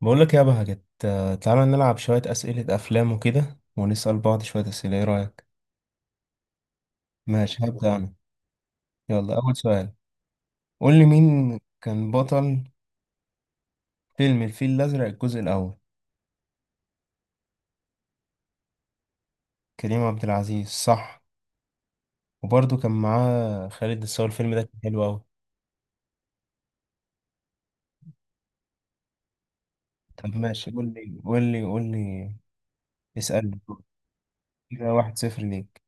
بقول لك يا بهجت، تعالى نلعب شوية أسئلة أفلام وكده ونسأل بعض شوية أسئلة. إيه رأيك؟ ماشي، هبدأ أنا. يلا أول سؤال، قول لي مين كان بطل فيلم الفيل الأزرق الجزء الأول؟ كريم عبد العزيز، صح. وبرضه كان معاه خالد الصاوي. الفيلم ده كان حلو أوي. طب ماشي، قول لي قول لي قول لي، اسألني. كده 1-0 ليك.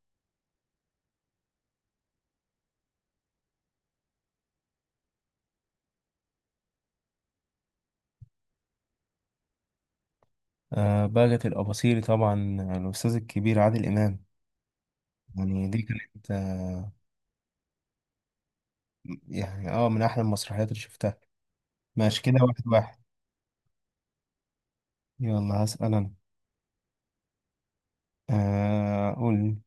آه، بهجت الأباصيري طبعا، الأستاذ الكبير عادل إمام. يعني دي كانت يعني من أحلى المسرحيات اللي شفتها. ماشي كده 1-1. يلا هسأل أنا. قول.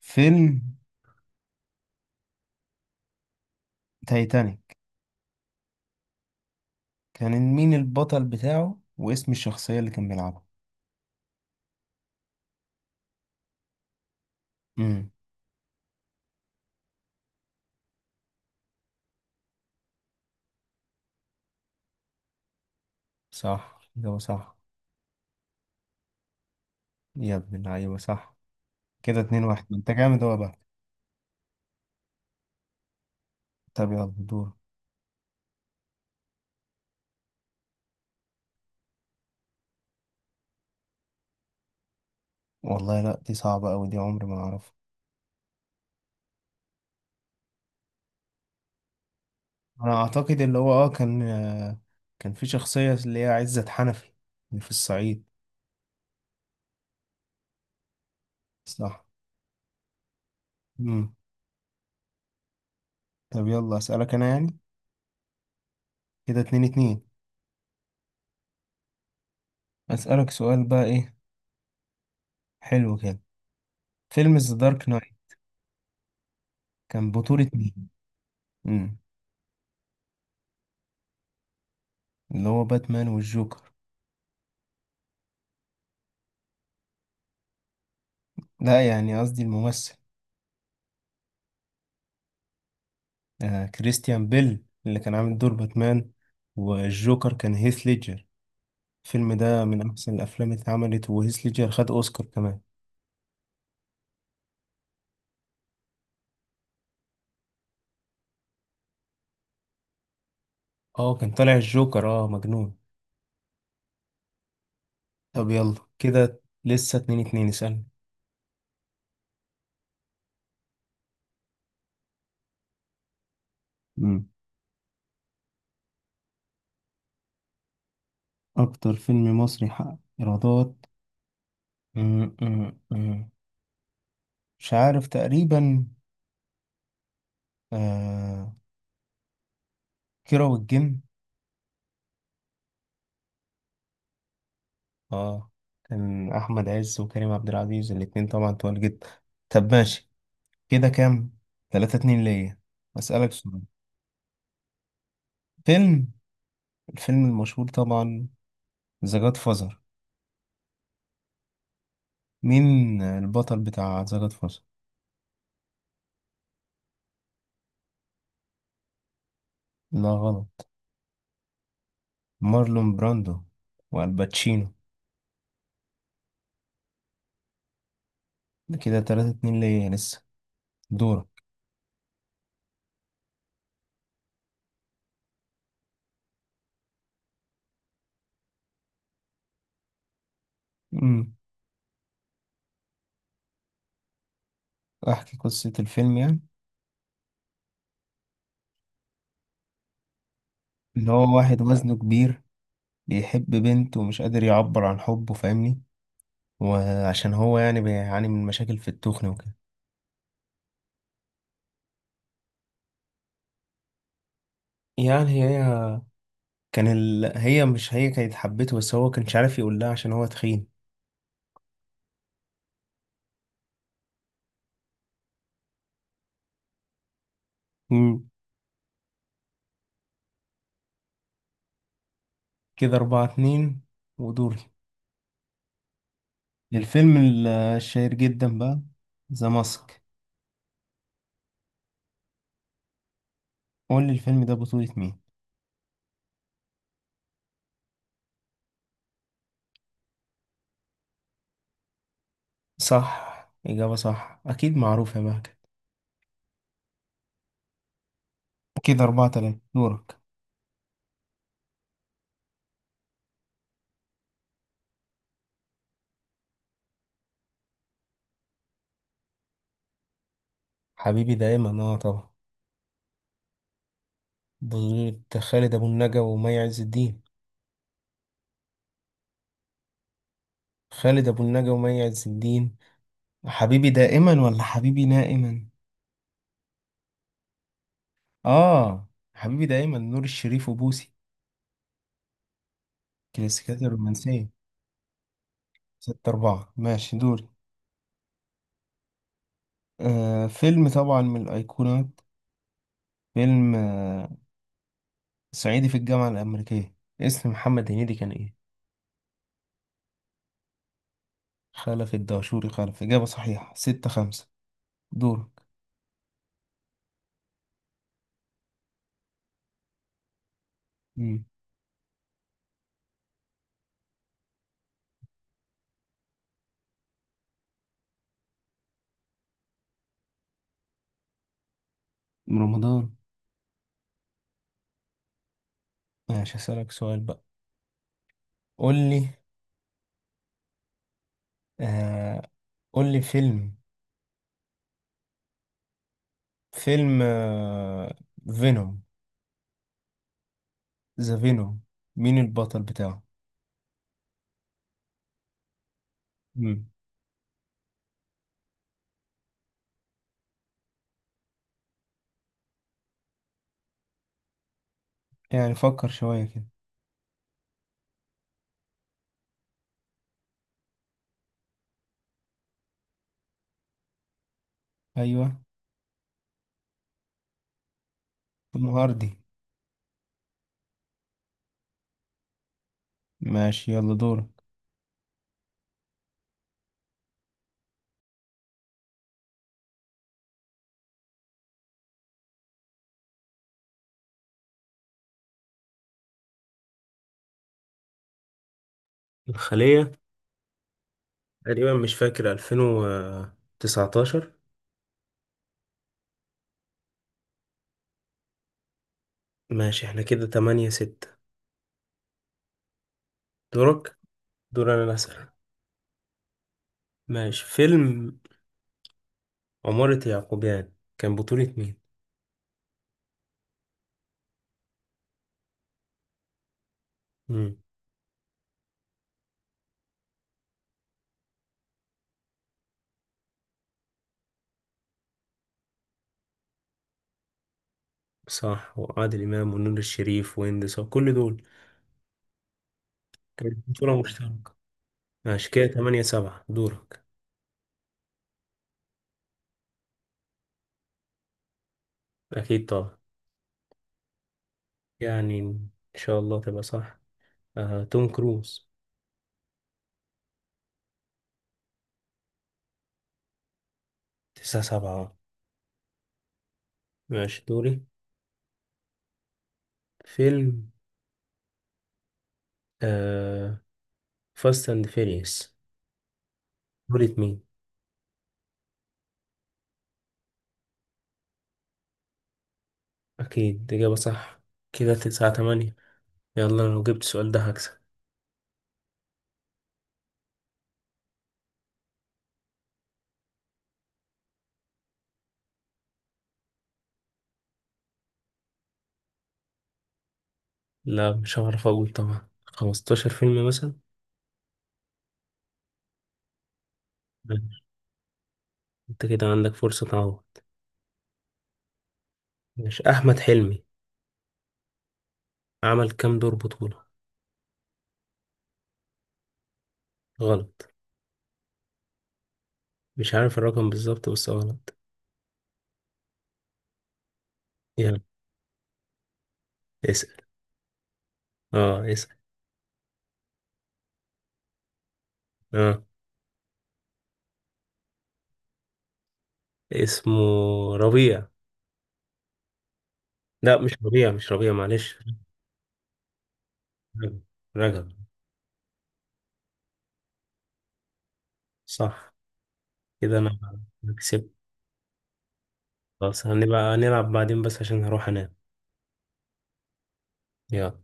فيلم تايتانيك كان مين البطل بتاعه، واسم الشخصية اللي كان بيلعبها؟ امم. صح، ده صح. يا ابن اللعيبة، صح. كده 2-1، ما انت جامد هو بقى. طب يلا دور. والله لا، دي صعبة أوي دي، عمري ما أعرفها. أنا أعتقد اللي هو كان، كان في شخصية اللي هي عزت حنفي، اللي في الصعيد. صح. امم. طب يلا أسألك أنا يعني. كده 2-2. أسألك سؤال بقى، إيه؟ حلو كده. فيلم ذا دارك نايت كان بطولة مين؟ مم. اللي هو باتمان والجوكر. لا، يعني قصدي الممثل. كريستيان بيل اللي كان عامل دور باتمان، والجوكر كان هيث ليدجر. الفيلم ده من أحسن الأفلام اللي اتعملت، وهيث ليدجر خد أوسكار كمان. اه كان طالع الجوكر مجنون. طب يلا كده لسه 2-2، اسألني. مم. أكتر فيلم مصري حقق إيرادات؟ مم، مم، مم. مش عارف تقريبا. آه كيرة والجن. اه، كان احمد عز وكريم عبد العزيز الاتنين طبعا طوال جدا. طب ماشي، كده كام؟ 3-2 ليا. اسألك سؤال. فيلم الفيلم المشهور طبعا، ذا جاد فازر. مين البطل بتاع ذا جاد فازر؟ لا غلط. مارلون براندو والباتشينو. ده كده 3-2 ليا لسه، دورك. امم. احكي قصة الفيلم يعني. ان هو واحد وزنه كبير، بيحب بنت ومش قادر يعبر عن حبه، فاهمني. وعشان هو يعني بيعاني من مشاكل في التخن وكده. يعني هي كان ال... هي مش هي كانت حبته، بس هو كانش عارف يقول لها عشان هو تخين. مم. كده 4-2، ودوري. الفيلم الشهير جدا بقى، ذا ماسك. قول لي الفيلم ده بطولة مين؟ صح، إجابة صح. أكيد معروف يا مهجد. كده 4-3، دورك. حبيبي دايما، طبعا. بطولة خالد أبو النجا ومي عز الدين. خالد أبو النجا ومي عز الدين. حبيبي دائما ولا حبيبي نائما؟ آه حبيبي دايما نور الشريف وبوسي. كلاسيكيات الرومانسية. 6-4، ماشي دوري. فيلم طبعا من الأيقونات. فيلم صعيدي في الجامعة الأمريكية. اسم محمد هنيدي كان إيه؟ خلف الدهشوري. خلف، إجابة صحيحة. 6-5، دورك. مم. من رمضان. ماشي هسألك سؤال بقى. قول لي آه قول لي فيلم آه فينوم ذا فينوم. مين البطل بتاعه؟ مم. يعني فكر شوية كده. أيوه الغردي. ماشي يلا دورك. الخلية؟ تقريبا مش فاكر، 2019. ماشي احنا كده 8-6، دورك. دور انا اللي اسأل. ماشي، فيلم عمارة يعقوبيان كان بطولة مين؟ مم. صح، وعادل إمام ونور الشريف وهند صبري، كل دول كانت بطولة مشتركة. ماشي كده 8-7، دورك. أكيد طبعا. يعني إن شاء الله تبقى صح. توم كروز. 9-7. ماشي دوري. فيلم آه، فاست اند فيريوس. دولة مين؟ أكيد إجابة صح. كده 9-8. يلا لو جبت السؤال ده هكسب. لا، مش هعرف أقول. طبعا 15 فيلم مثلا. ماشي. أنت كده عندك فرصة تعوض. مش أحمد حلمي عمل كام دور بطولة؟ غلط. مش عارف الرقم بالظبط بس غلط. يلا اسأل. اه اسأل. اه اسمه ربيع. لا، مش ربيع، مش ربيع، معلش. رجب. رجب. صح. كده أنا كسبت. خلاص هنبقى نلعب بعدين بس عشان هروح أنام. يلا.